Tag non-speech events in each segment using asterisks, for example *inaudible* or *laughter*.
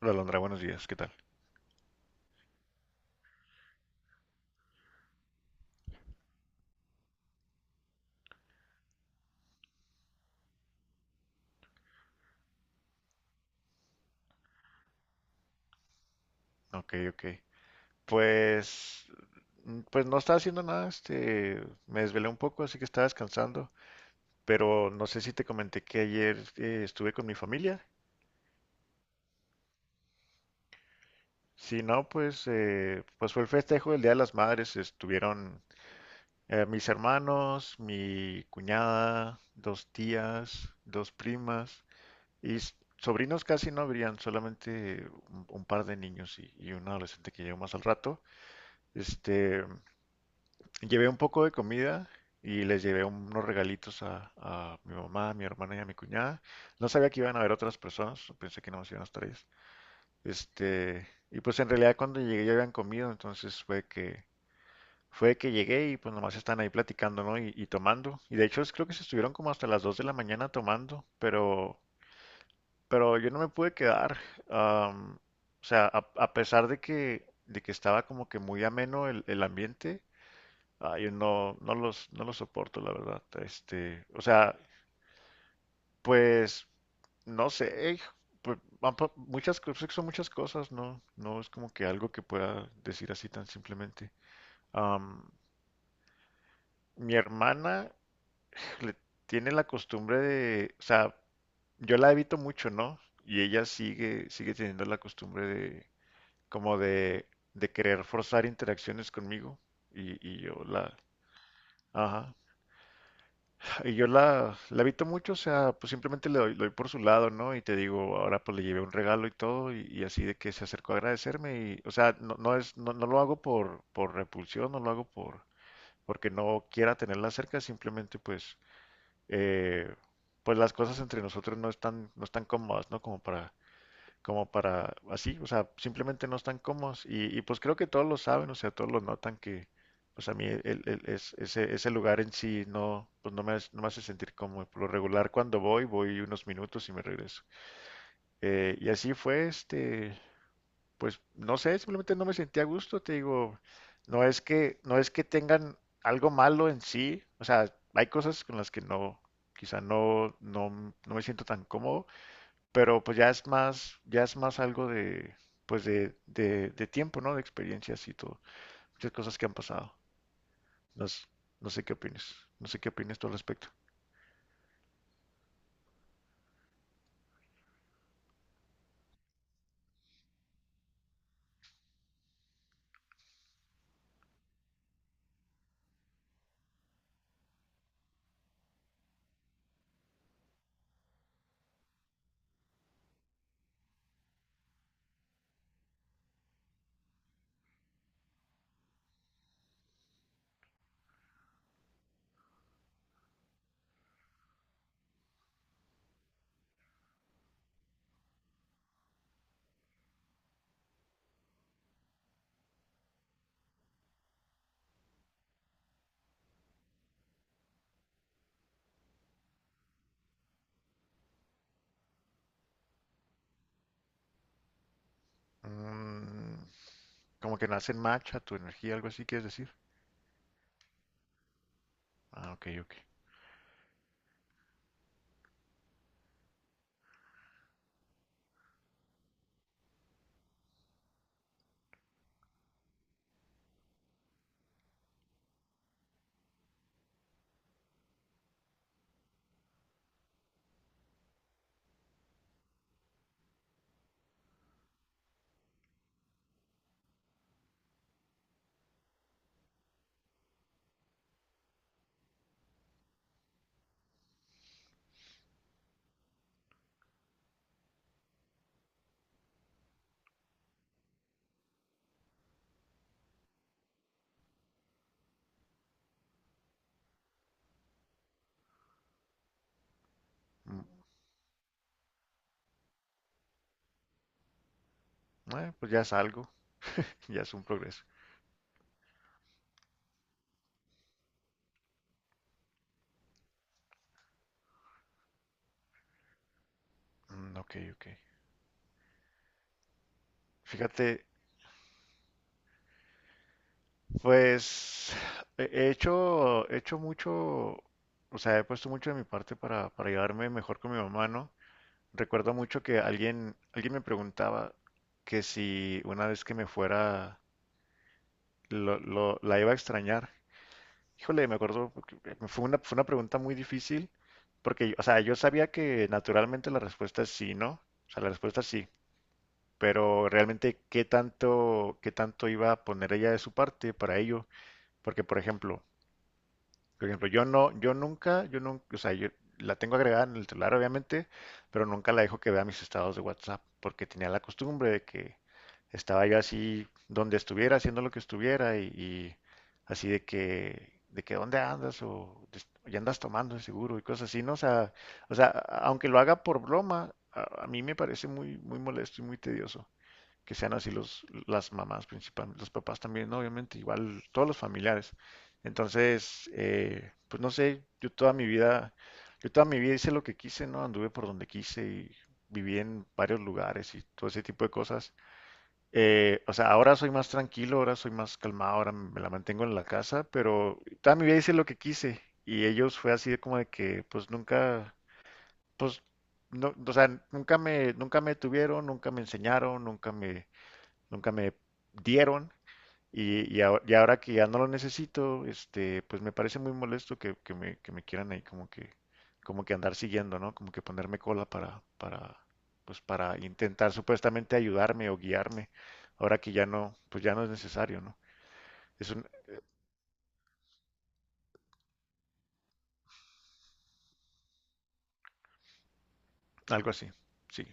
Hola, Alondra, buenos días, ¿qué tal? Ok, ok. Pues, pues, no estaba haciendo nada, me desvelé un poco, así que estaba descansando, pero no sé si te comenté que ayer estuve con mi familia. Si no, pues fue el festejo del Día de las Madres, estuvieron mis hermanos, mi cuñada, dos tías, dos primas y sobrinos casi no habrían, solamente un par de niños y un adolescente que llegó más al rato. Este, Llevé un poco de comida y les llevé unos regalitos a mi mamá, a mi hermana y a mi cuñada. No sabía que iban a haber otras personas, pensé que no más iban a estar ellas. Este, y pues en realidad cuando llegué ya habían comido, entonces fue que llegué y pues nomás están ahí platicando, ¿no? Y tomando. Y de hecho creo que se estuvieron como hasta las 2 de la mañana tomando, pero yo no me pude quedar. am, o sea, a pesar de que estaba como que muy ameno el ambiente. Ah, yo no los soporto, la verdad. O sea, pues, no sé, pues, van muchas, cosas son muchas cosas, ¿no? No es como que algo que pueda decir así tan simplemente. Am, Mi hermana le tiene la costumbre de, o sea, yo la evito mucho, ¿no? Y ella sigue teniendo la costumbre de, como de querer forzar interacciones conmigo. Y yo la, ajá. Y yo la evito mucho, o sea, pues simplemente le doy por su lado, ¿no? Y te digo, ahora pues le llevé un regalo y todo, y así de que se acercó a agradecerme, y, o sea, no, no es, no, no lo hago por repulsión, no lo hago por, porque no quiera tenerla cerca, simplemente pues, eh, pues las cosas entre nosotros no están, no están cómodas, ¿no? Como para, como para así, o sea, simplemente no están cómodos y, pues creo que todos lo saben, o sea, todos lo notan que pues a mí es, ese lugar en sí no, pues no me, no me hace sentir cómodo. Por lo regular cuando voy, voy unos minutos y me regreso. Y así fue, pues no sé, simplemente no me sentía a gusto, te digo, no es que, no es que tengan algo malo en sí, o sea, hay cosas con las que no, quizá no, no, no me siento tan cómodo pero pues ya es más algo de, pues de, de tiempo, ¿no? De experiencias y todo, muchas cosas que han pasado. No, s- no sé qué opinas, no sé qué opinas tú al respecto. Mm, como que nace match a tu energía, algo así, ¿quieres decir? Ah, ok, ok. Mm, pues ya es algo, *laughs* ya es un progreso. Mm, ok, ok. Fíjate, pues he hecho mucho, o sea, he puesto mucho de mi parte para llevarme mejor con mi mamá, ¿no? Recuerdo mucho que alguien, alguien me preguntaba que si una vez que me fuera la iba a extrañar. Híjole, me acuerdo, porque fue una pregunta muy difícil porque, o sea, yo sabía que naturalmente la respuesta es sí, ¿no? O sea, la respuesta es sí, pero realmente qué tanto iba a poner ella de su parte para ello. Porque, por ejemplo, por ejemplo, yo no, yo nunca, o sea, yo la tengo agregada en el celular, obviamente, pero nunca la dejo que vea mis estados de WhatsApp, porque tenía la costumbre de que estaba yo así donde estuviera, haciendo lo que estuviera, y así de que dónde andas, o ya andas tomando de seguro, y cosas así, ¿no? O sea, aunque lo haga por broma, a mí me parece muy, muy molesto y muy tedioso que sean así los, las mamás principalmente, los papás también, ¿no? Obviamente, igual todos los familiares. Entonces, pues no sé, yo toda mi vida hice lo que quise, ¿no? Anduve por donde quise y viví en varios lugares y todo ese tipo de cosas. O sea, ahora soy más tranquilo, ahora soy más calmado, ahora me la mantengo en la casa, pero toda mi vida hice lo que quise y ellos fue así de como de que pues nunca, pues no, o sea, nunca me tuvieron, nunca me enseñaron, nunca me dieron y ahora que ya no lo necesito, pues me parece muy molesto que me quieran ahí como que andar siguiendo, ¿no? Como que ponerme cola pues para intentar supuestamente ayudarme o guiarme, ahora que ya no, pues ya no es necesario, ¿no? Es un- Algo así, sí.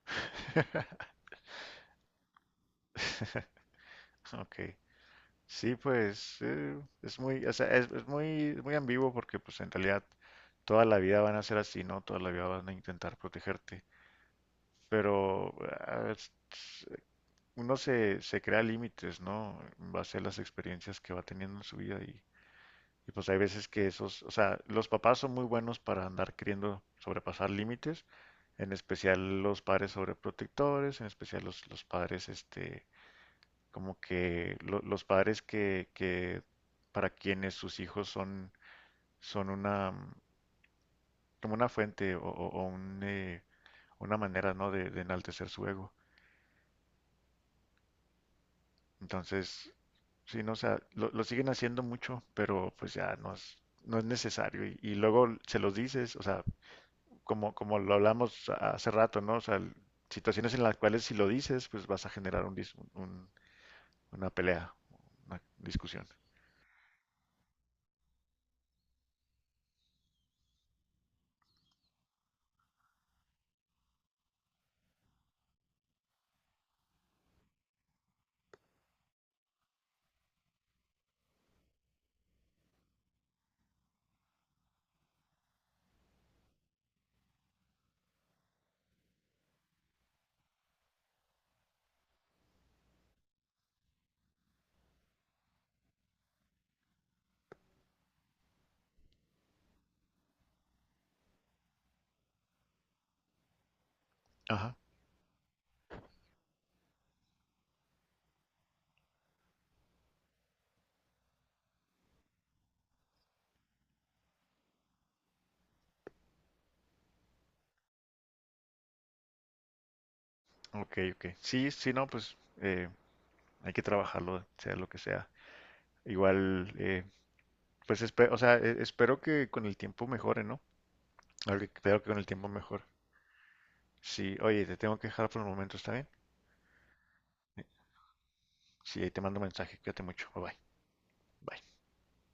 *laughs* Ok. Sí, pues es muy, o sea, es, es muy ambiguo porque pues en realidad toda la vida van a ser así, ¿no? Toda la vida van a intentar protegerte. Pero ah, es- uno se crea límites, ¿no? En base a las experiencias que va teniendo en su vida y pues hay veces que esos, o sea, los papás son muy buenos para andar queriendo sobrepasar límites, en especial los padres sobreprotectores, en especial los padres, como que los padres que para quienes sus hijos son, son una, mm, como una fuente o, o un, una manera, ¿no? De enaltecer su ego. Entonces, sí, no, o sea, lo siguen haciendo mucho, pero pues ya no es, no es necesario. Y luego se los dices, o sea, como, como lo hablamos hace rato, ¿no? O sea, situaciones en las cuales si lo dices, pues vas a generar una pelea, una discusión. Ajá. Ok, ok. Sí, sí, no, pues hay que trabajarlo, sea lo que sea. Igual, pues, o sea, espero que con el tiempo mejore, ¿no? Espero que con el tiempo mejore. Sí, oye, te tengo que dejar por el momento, ¿está bien? Sí, ahí te mando un mensaje. Cuídate mucho. Bye bye. Bye.